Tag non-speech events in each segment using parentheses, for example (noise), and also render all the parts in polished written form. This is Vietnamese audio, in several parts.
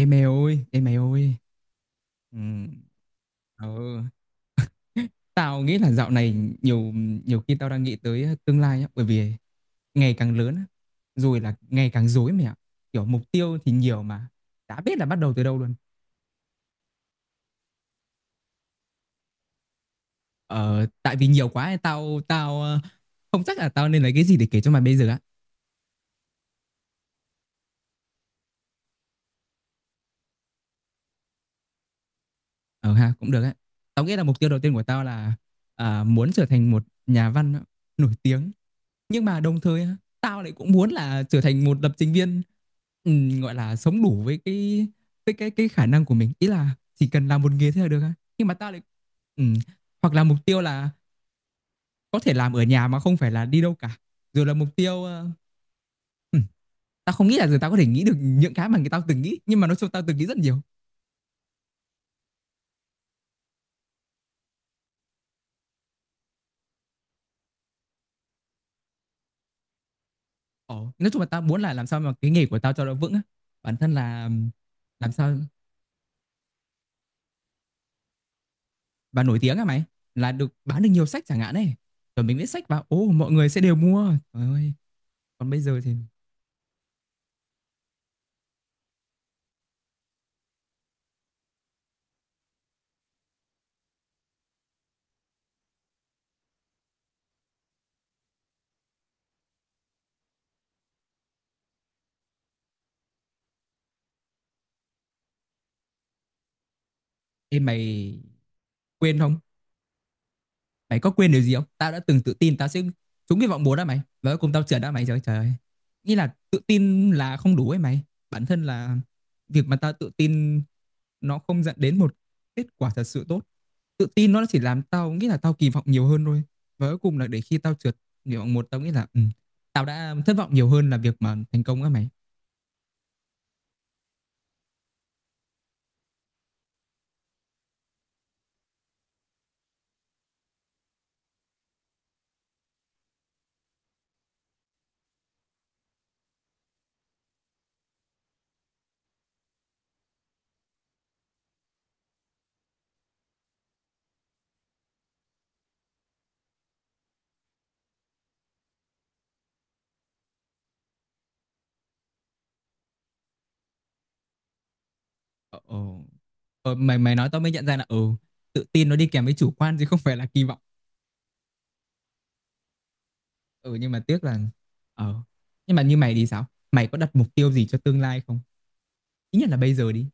Ê mày ơi, ê mày ơi. Ừ. Ừ. (laughs) Tao nghĩ là dạo này nhiều nhiều khi tao đang nghĩ tới tương lai á, bởi vì ngày càng lớn á, rồi là ngày càng rối mày ạ. Kiểu mục tiêu thì nhiều mà đã biết là bắt đầu từ đâu luôn. Ờ tại vì nhiều quá ấy, tao tao ờ, không chắc là tao nên lấy cái gì để kể cho mày bây giờ á. Ờ ha, cũng được á. Tao nghĩ là mục tiêu đầu tiên của tao là muốn trở thành một nhà văn nổi tiếng. Nhưng mà đồng thời tao lại cũng muốn là trở thành một lập trình viên, gọi là, sống đủ với cái khả năng của mình. Ý là chỉ cần làm một nghề thế là được. Nhưng mà tao lại ừm, hoặc là mục tiêu là có thể làm ở nhà mà không phải là đi đâu cả. Rồi là mục tiêu, tao không nghĩ là giờ tao có thể nghĩ được những cái mà người tao từng nghĩ, nhưng mà nói chung tao từng nghĩ rất nhiều. Ờ, nói chung là tao muốn là làm sao mà cái nghề của tao cho nó vững á. Bản thân là làm sao và nổi tiếng à mày, là được bán được nhiều sách chẳng hạn ấy, rồi mình viết sách vào ô oh, mọi người sẽ đều mua trời ơi. Còn bây giờ thì em mày quên không, mày có quên điều gì không? Tao đã từng tự tin tao sẽ trúng cái vọng muốn đó mày và cuối cùng tao trượt đó mày, trời ơi, trời ơi. Nghĩ là tự tin là không đủ ấy mày, bản thân là việc mà tao tự tin nó không dẫn đến một kết quả thật sự tốt. Tự tin nó chỉ làm tao nghĩ là tao kỳ vọng nhiều hơn thôi, và cuối cùng là để khi tao trượt nguyện vọng một, tao nghĩ là tao đã thất vọng nhiều hơn là việc mà thành công á mày. Ờ, ờ. Ờ, mày mày nói tao mới nhận ra là ừ, tự tin nó đi kèm với chủ quan chứ không phải là kỳ vọng. Ừ nhưng mà tiếc là ờ nhưng mà như mày thì sao? Mày có đặt mục tiêu gì cho tương lai không? Ít nhất là bây giờ đi.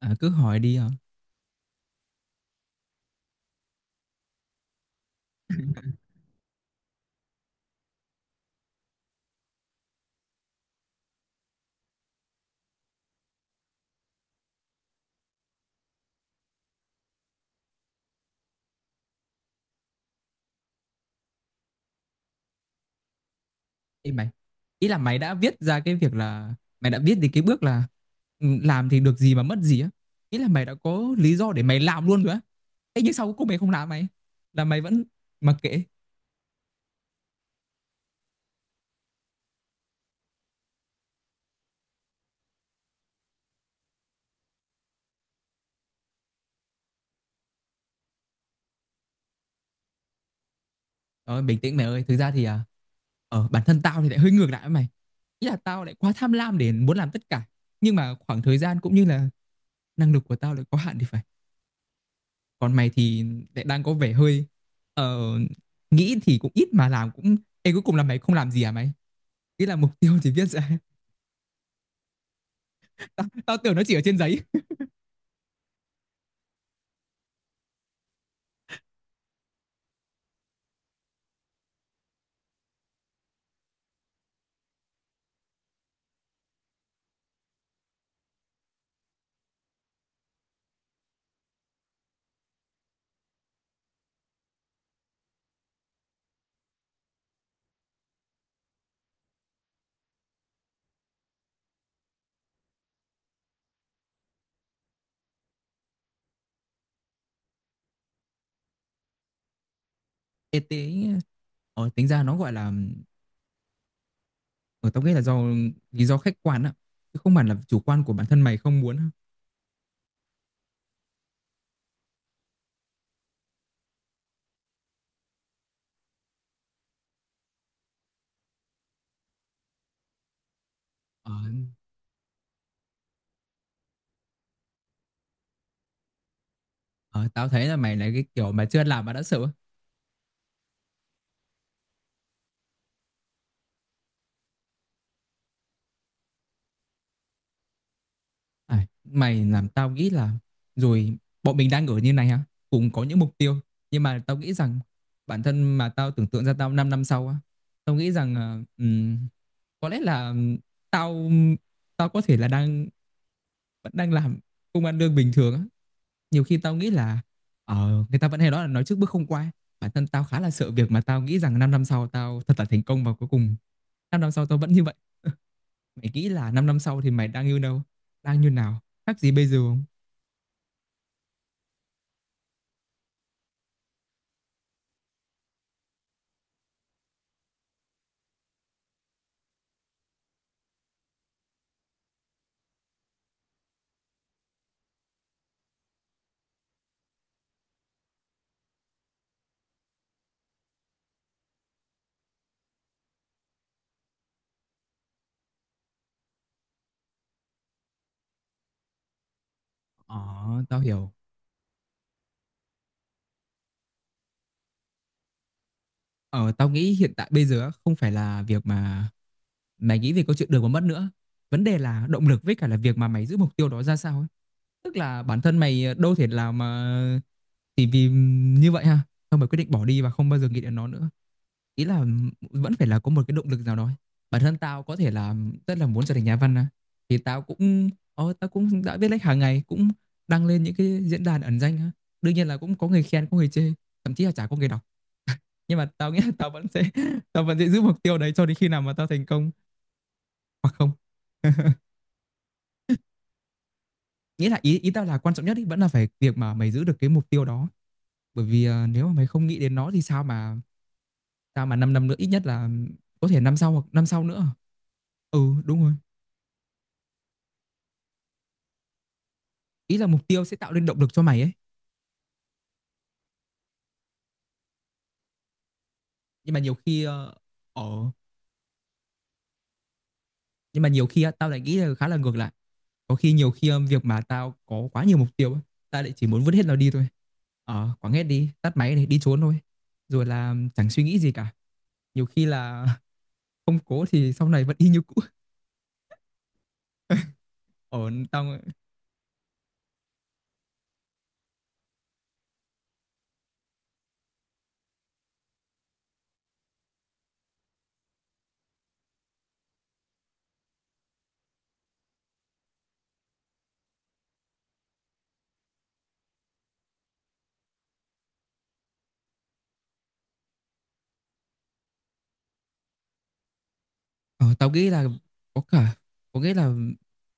À, cứ hỏi đi hả? Ý mày, ý là mày đã viết ra cái việc là mày đã viết đến cái bước là làm thì được gì mà mất gì á. Ý là mày đã có lý do để mày làm luôn rồi á. Thế nhưng sau cuối cùng mày không làm mày, là mày vẫn mặc kệ. Ờ, bình tĩnh mày ơi, thực ra thì bản thân tao thì lại hơi ngược lại với mày. Ý là tao lại quá tham lam để muốn làm tất cả. Nhưng mà khoảng thời gian cũng như là năng lực của tao lại có hạn thì phải. Còn mày thì lại đang có vẻ hơi ờ, nghĩ thì cũng ít mà làm cũng. Ê cuối cùng là mày không làm gì à mày? Ý là mục tiêu thì viết ra. (laughs) Tao tưởng nó chỉ ở trên giấy. Ê tế tính ra nó gọi là tao nghĩ là do lý do khách quan á, chứ không hẳn là chủ quan của bản thân mày không muốn. Ờ, ờ, tao thấy là mày là cái kiểu mà chưa làm mà đã sợ. À, mày làm tao nghĩ là rồi bọn mình đang ở như này ha, cùng có những mục tiêu, nhưng mà tao nghĩ rằng bản thân mà tao tưởng tượng ra tao 5 năm sau á, tao nghĩ rằng có lẽ là tao tao có thể là đang vẫn đang làm công ăn lương bình thường á. Nhiều khi tao nghĩ là ờ, người ta vẫn hay nói là nói trước bước không qua. Bản thân tao khá là sợ việc mà tao nghĩ rằng 5 năm sau tao thật là thành công và cuối cùng 5 năm sau tao vẫn như vậy. Mày nghĩ là 5 năm sau thì mày đang như đâu? Đang như nào? Khác gì bây giờ không? Ờ, tao hiểu. Ờ, tao nghĩ hiện tại bây giờ á, không phải là việc mà mày nghĩ về câu chuyện được và mất nữa. Vấn đề là động lực với cả là việc mà mày giữ mục tiêu đó ra sao ấy. Tức là bản thân mày đâu thể làm mà chỉ vì như vậy ha. Xong mày quyết định bỏ đi và không bao giờ nghĩ đến nó nữa. Ý là vẫn phải là có một cái động lực nào đó ấy. Bản thân tao có thể là rất là muốn trở thành nhà văn á. Thì tao cũng tao cũng đã viết lách hàng ngày, cũng đăng lên những cái diễn đàn ẩn danh á. Đương nhiên là cũng có người khen, có người chê, thậm chí là chả có người đọc, nhưng mà tao nghĩ là tao vẫn sẽ (laughs) tao vẫn sẽ giữ mục tiêu đấy cho đến khi nào mà tao thành công hoặc không. (laughs) Nghĩa là ý ý tao là quan trọng nhất ý, vẫn là phải việc mà mày giữ được cái mục tiêu đó, bởi vì à, nếu mà mày không nghĩ đến nó thì sao mà 5 năm nữa, ít nhất là có thể năm sau hoặc năm sau nữa. Ừ đúng rồi, ý là mục tiêu sẽ tạo nên động lực cho mày ấy. Nhưng mà nhiều khi ở nhưng mà nhiều khi á, tao lại nghĩ là khá là ngược lại. Có khi nhiều khi việc mà tao có quá nhiều mục tiêu á, tao lại chỉ muốn vứt hết nó đi thôi, ờ quẳng hết đi tắt máy này đi trốn thôi, rồi là chẳng suy nghĩ gì cả. Nhiều khi là (laughs) không cố thì sau này vẫn y như cũ. Ở tao Ờ, tao nghĩ là có cả, có nghĩa là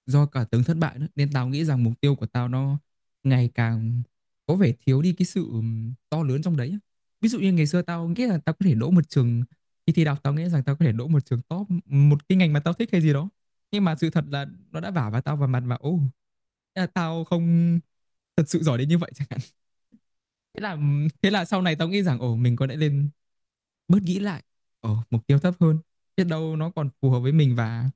do cả từng thất bại nữa nên tao nghĩ rằng mục tiêu của tao nó ngày càng có vẻ thiếu đi cái sự to lớn trong đấy á. Ví dụ như ngày xưa tao nghĩ là tao có thể đỗ một trường, khi thi đại học tao nghĩ rằng tao có thể đỗ một trường top, một cái ngành mà tao thích hay gì đó, nhưng mà sự thật là nó đã vả vào tao vào mặt và ô, thế là tao không thật sự giỏi đến như vậy (laughs) chẳng hạn. thế là Thế là sau này tao nghĩ rằng ồ mình có lẽ lên bớt nghĩ lại ở mục tiêu thấp hơn, biết đâu nó còn phù hợp với mình, và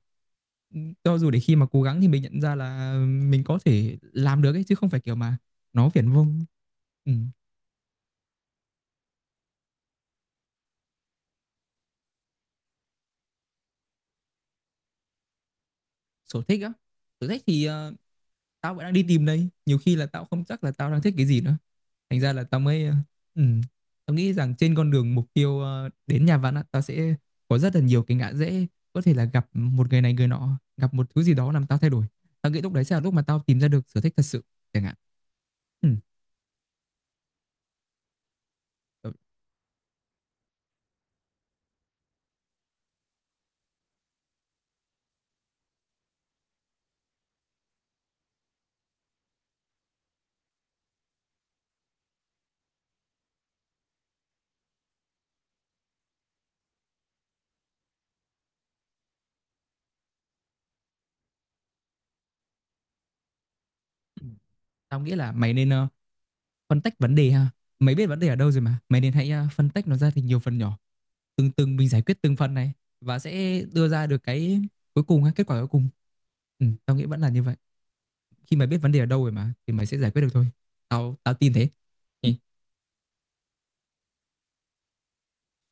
ừ, cho dù để khi mà cố gắng thì mình nhận ra là mình có thể làm được ấy, chứ không phải kiểu mà nó viển vông. Ừ. Sở thích á, sở thích thì tao vẫn đang đi tìm đây, nhiều khi là tao không chắc là tao đang thích cái gì nữa. Thành ra là tao mới ừ, tao nghĩ rằng trên con đường mục tiêu ờ, đến nhà văn á, tao sẽ có rất là nhiều cái ngã rẽ, có thể là gặp một người này người nọ, gặp một thứ gì đó làm tao thay đổi. Tao nghĩ lúc đấy sẽ là lúc mà tao tìm ra được sở thích thật sự chẳng hạn. Ừ. Ờ, tao nghĩ là mày nên phân tách vấn đề ha, mày biết vấn đề ở đâu rồi mà, mày nên hãy phân tách nó ra thành nhiều phần nhỏ, từng từng mình giải quyết từng phần này và sẽ đưa ra được cái cuối cùng hay kết quả cuối cùng. Ừ, tao nghĩ vẫn là như vậy. Khi mày biết vấn đề ở đâu rồi mà thì mày sẽ giải quyết được thôi. Tao tao tin thế. Ừ.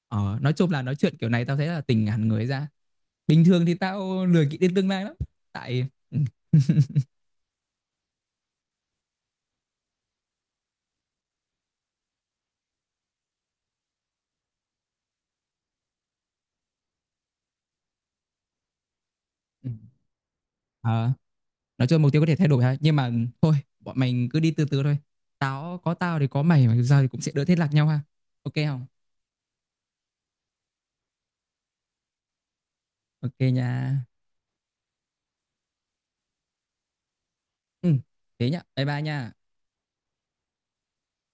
Ờ, nói chung là nói chuyện kiểu này tao thấy là tỉnh hẳn người ra, bình thường thì tao lười nghĩ đến tương lai lắm tại (laughs) ừ. Ờ, nói chung mục tiêu có thể thay đổi ha, nhưng mà thôi, bọn mình cứ đi từ từ thôi. Tao thì có mày mà giờ thì cũng sẽ đỡ thế lạc nhau ha. Ok không, ok nha. Ừ thế nhá, bye bye nha.